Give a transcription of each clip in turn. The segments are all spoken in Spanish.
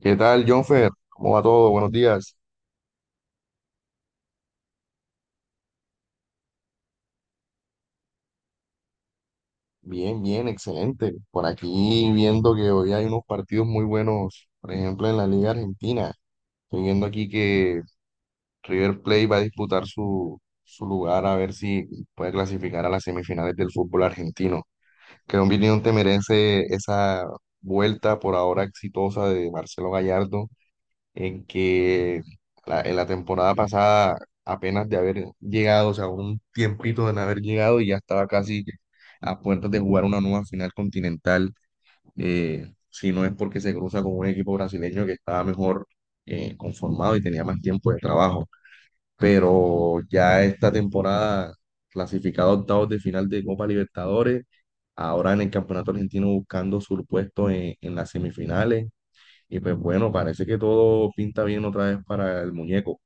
¿Qué tal, Jonfer? ¿Cómo va todo? Buenos días. Bien, bien, excelente. Por aquí viendo que hoy hay unos partidos muy buenos, por ejemplo, en la Liga Argentina. Estoy viendo aquí que River Plate va a disputar su lugar a ver si puede clasificar a las semifinales del fútbol argentino. ¿Qué opinión te merece esa vuelta por ahora exitosa de Marcelo Gallardo en que en la temporada pasada, apenas de haber llegado, o sea, un tiempito de no haber llegado y ya estaba casi a puertas de jugar una nueva final continental, si no es porque se cruza con un equipo brasileño que estaba mejor conformado y tenía más tiempo de trabajo? Pero ya esta temporada, clasificado a octavos de final de Copa Libertadores, ahora en el Campeonato Argentino buscando su puesto en las semifinales y pues bueno, parece que todo pinta bien otra vez para el muñeco.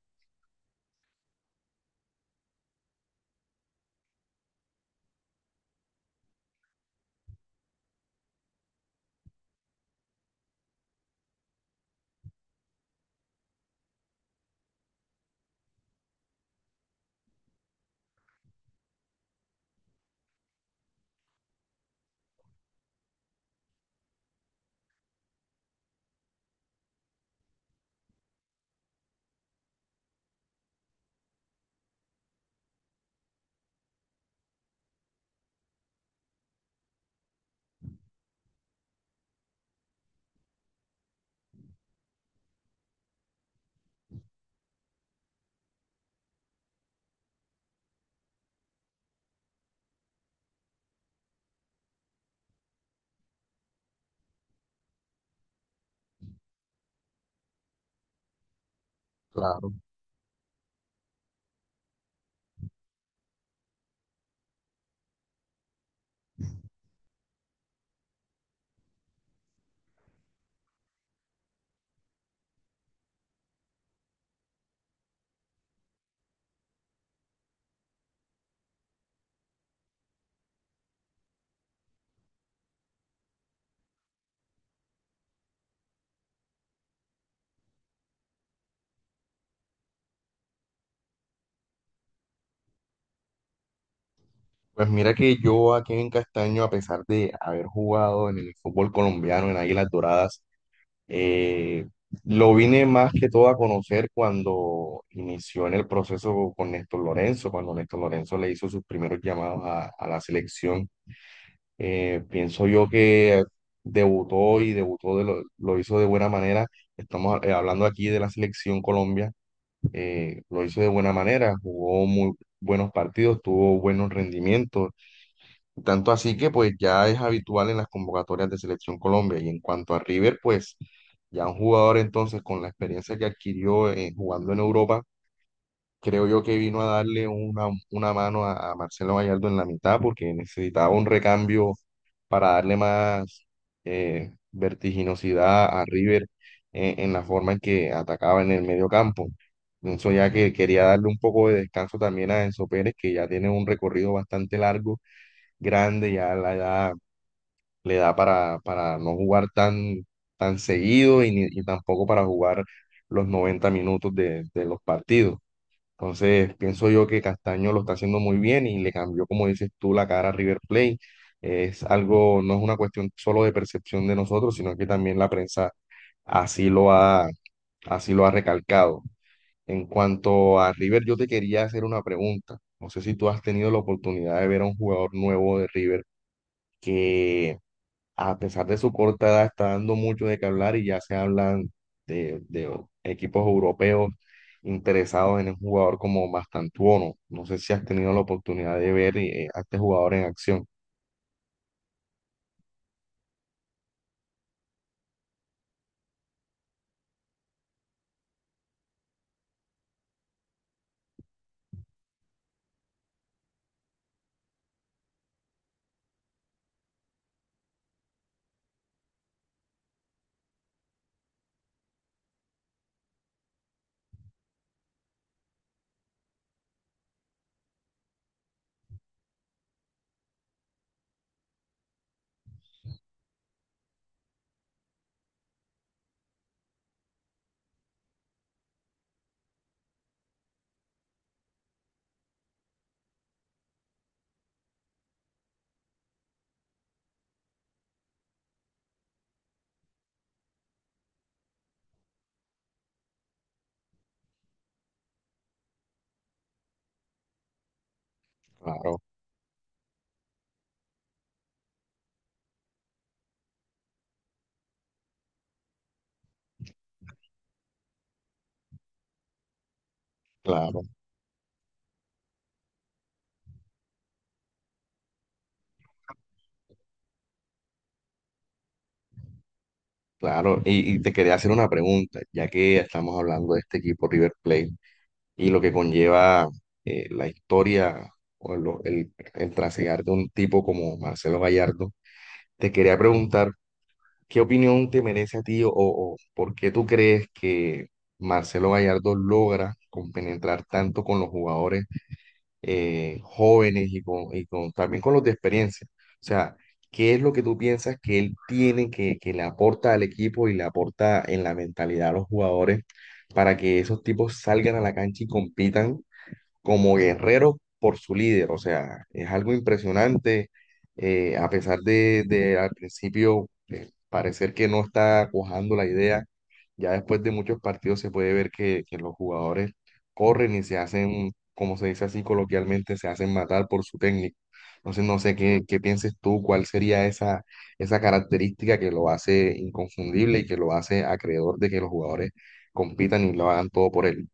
Claro. Pues mira que yo aquí en Castaño, a pesar de haber jugado en el fútbol colombiano, en Águilas Doradas, eh, lo vine más que todo a conocer cuando inició en el proceso con Néstor Lorenzo, cuando Néstor Lorenzo le hizo sus primeros llamados a la selección. Pienso yo que debutó y debutó de lo hizo de buena manera. Estamos hablando aquí de la selección Colombia, lo hizo de buena manera, jugó muy buenos partidos, tuvo buenos rendimientos, tanto así que pues ya es habitual en las convocatorias de Selección Colombia. Y en cuanto a River, pues ya un jugador entonces con la experiencia que adquirió jugando en Europa, creo yo que vino a darle una mano a Marcelo Gallardo en la mitad porque necesitaba un recambio para darle más vertiginosidad a River en la forma en que atacaba en el medio campo. Pienso ya que quería darle un poco de descanso también a Enzo Pérez, que ya tiene un recorrido bastante largo, grande, ya la edad le da para no jugar tan, tan seguido y, y tampoco para jugar los 90 minutos de los partidos. Entonces, pienso yo que Castaño lo está haciendo muy bien y le cambió, como dices tú, la cara a River Plate. Es algo, no es una cuestión solo de percepción de nosotros, sino que también la prensa así lo ha, así lo ha recalcado. En cuanto a River, yo te quería hacer una pregunta. No sé si tú has tenido la oportunidad de ver a un jugador nuevo de River que a pesar de su corta edad, está dando mucho de qué hablar y ya se hablan de equipos europeos interesados en un jugador como Mastantuono. No sé si has tenido la oportunidad de ver a este jugador en acción. Claro, claro, claro. Y te quería hacer una pregunta, ya que estamos hablando de este equipo River Plate y lo que conlleva la historia el trasegar de un tipo como Marcelo Gallardo. Te quería preguntar: ¿qué opinión te merece a ti o por qué tú crees que Marcelo Gallardo logra compenetrar tanto con los jugadores jóvenes también con los de experiencia? O sea, ¿qué es lo que tú piensas que él tiene, que le aporta al equipo y le aporta en la mentalidad a los jugadores para que esos tipos salgan a la cancha y compitan como guerrero por su líder? O sea, es algo impresionante, a pesar de al principio parecer que no está cuajando la idea, ya después de muchos partidos se puede ver que los jugadores corren y se hacen, como se dice así coloquialmente, se hacen matar por su técnico. Entonces, no sé qué pienses tú, cuál sería esa característica que lo hace inconfundible y que lo hace acreedor de que los jugadores compitan y lo hagan todo por él.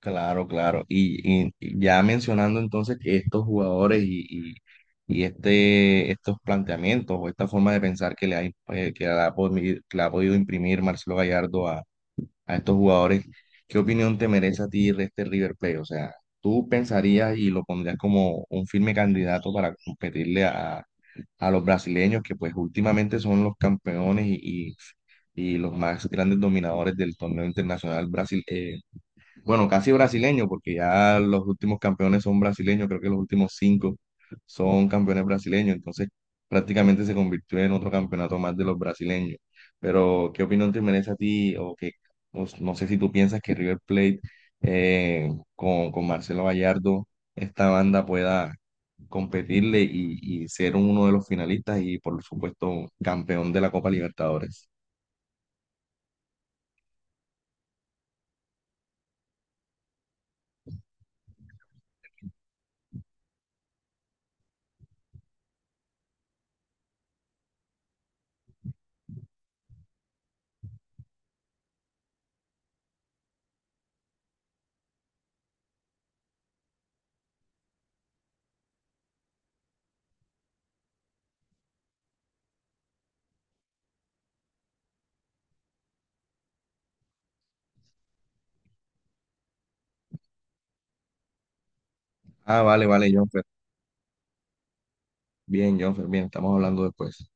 Claro, claro. Y ya mencionando entonces que estos jugadores y estos planteamientos o esta forma de pensar que le ha, podi- que le ha podido imprimir Marcelo Gallardo a estos jugadores, ¿qué opinión te merece a ti de este River Plate? O sea, ¿tú pensarías y lo pondrías como un firme candidato para competirle a los brasileños que pues últimamente son los campeones y los más grandes dominadores del torneo internacional Brasil, bueno, casi brasileño, porque ya los últimos campeones son brasileños, creo que los últimos cinco son campeones brasileños, entonces prácticamente se convirtió en otro campeonato más de los brasileños. Pero, ¿qué opinión te merece a ti? O que, no sé si tú piensas que River Plate eh, con Marcelo Gallardo, esta banda pueda competirle y ser uno de los finalistas y, por supuesto, campeón de la Copa Libertadores. Ah, vale, vale, Jonfer. Bien, Jonfer, bien, estamos hablando después.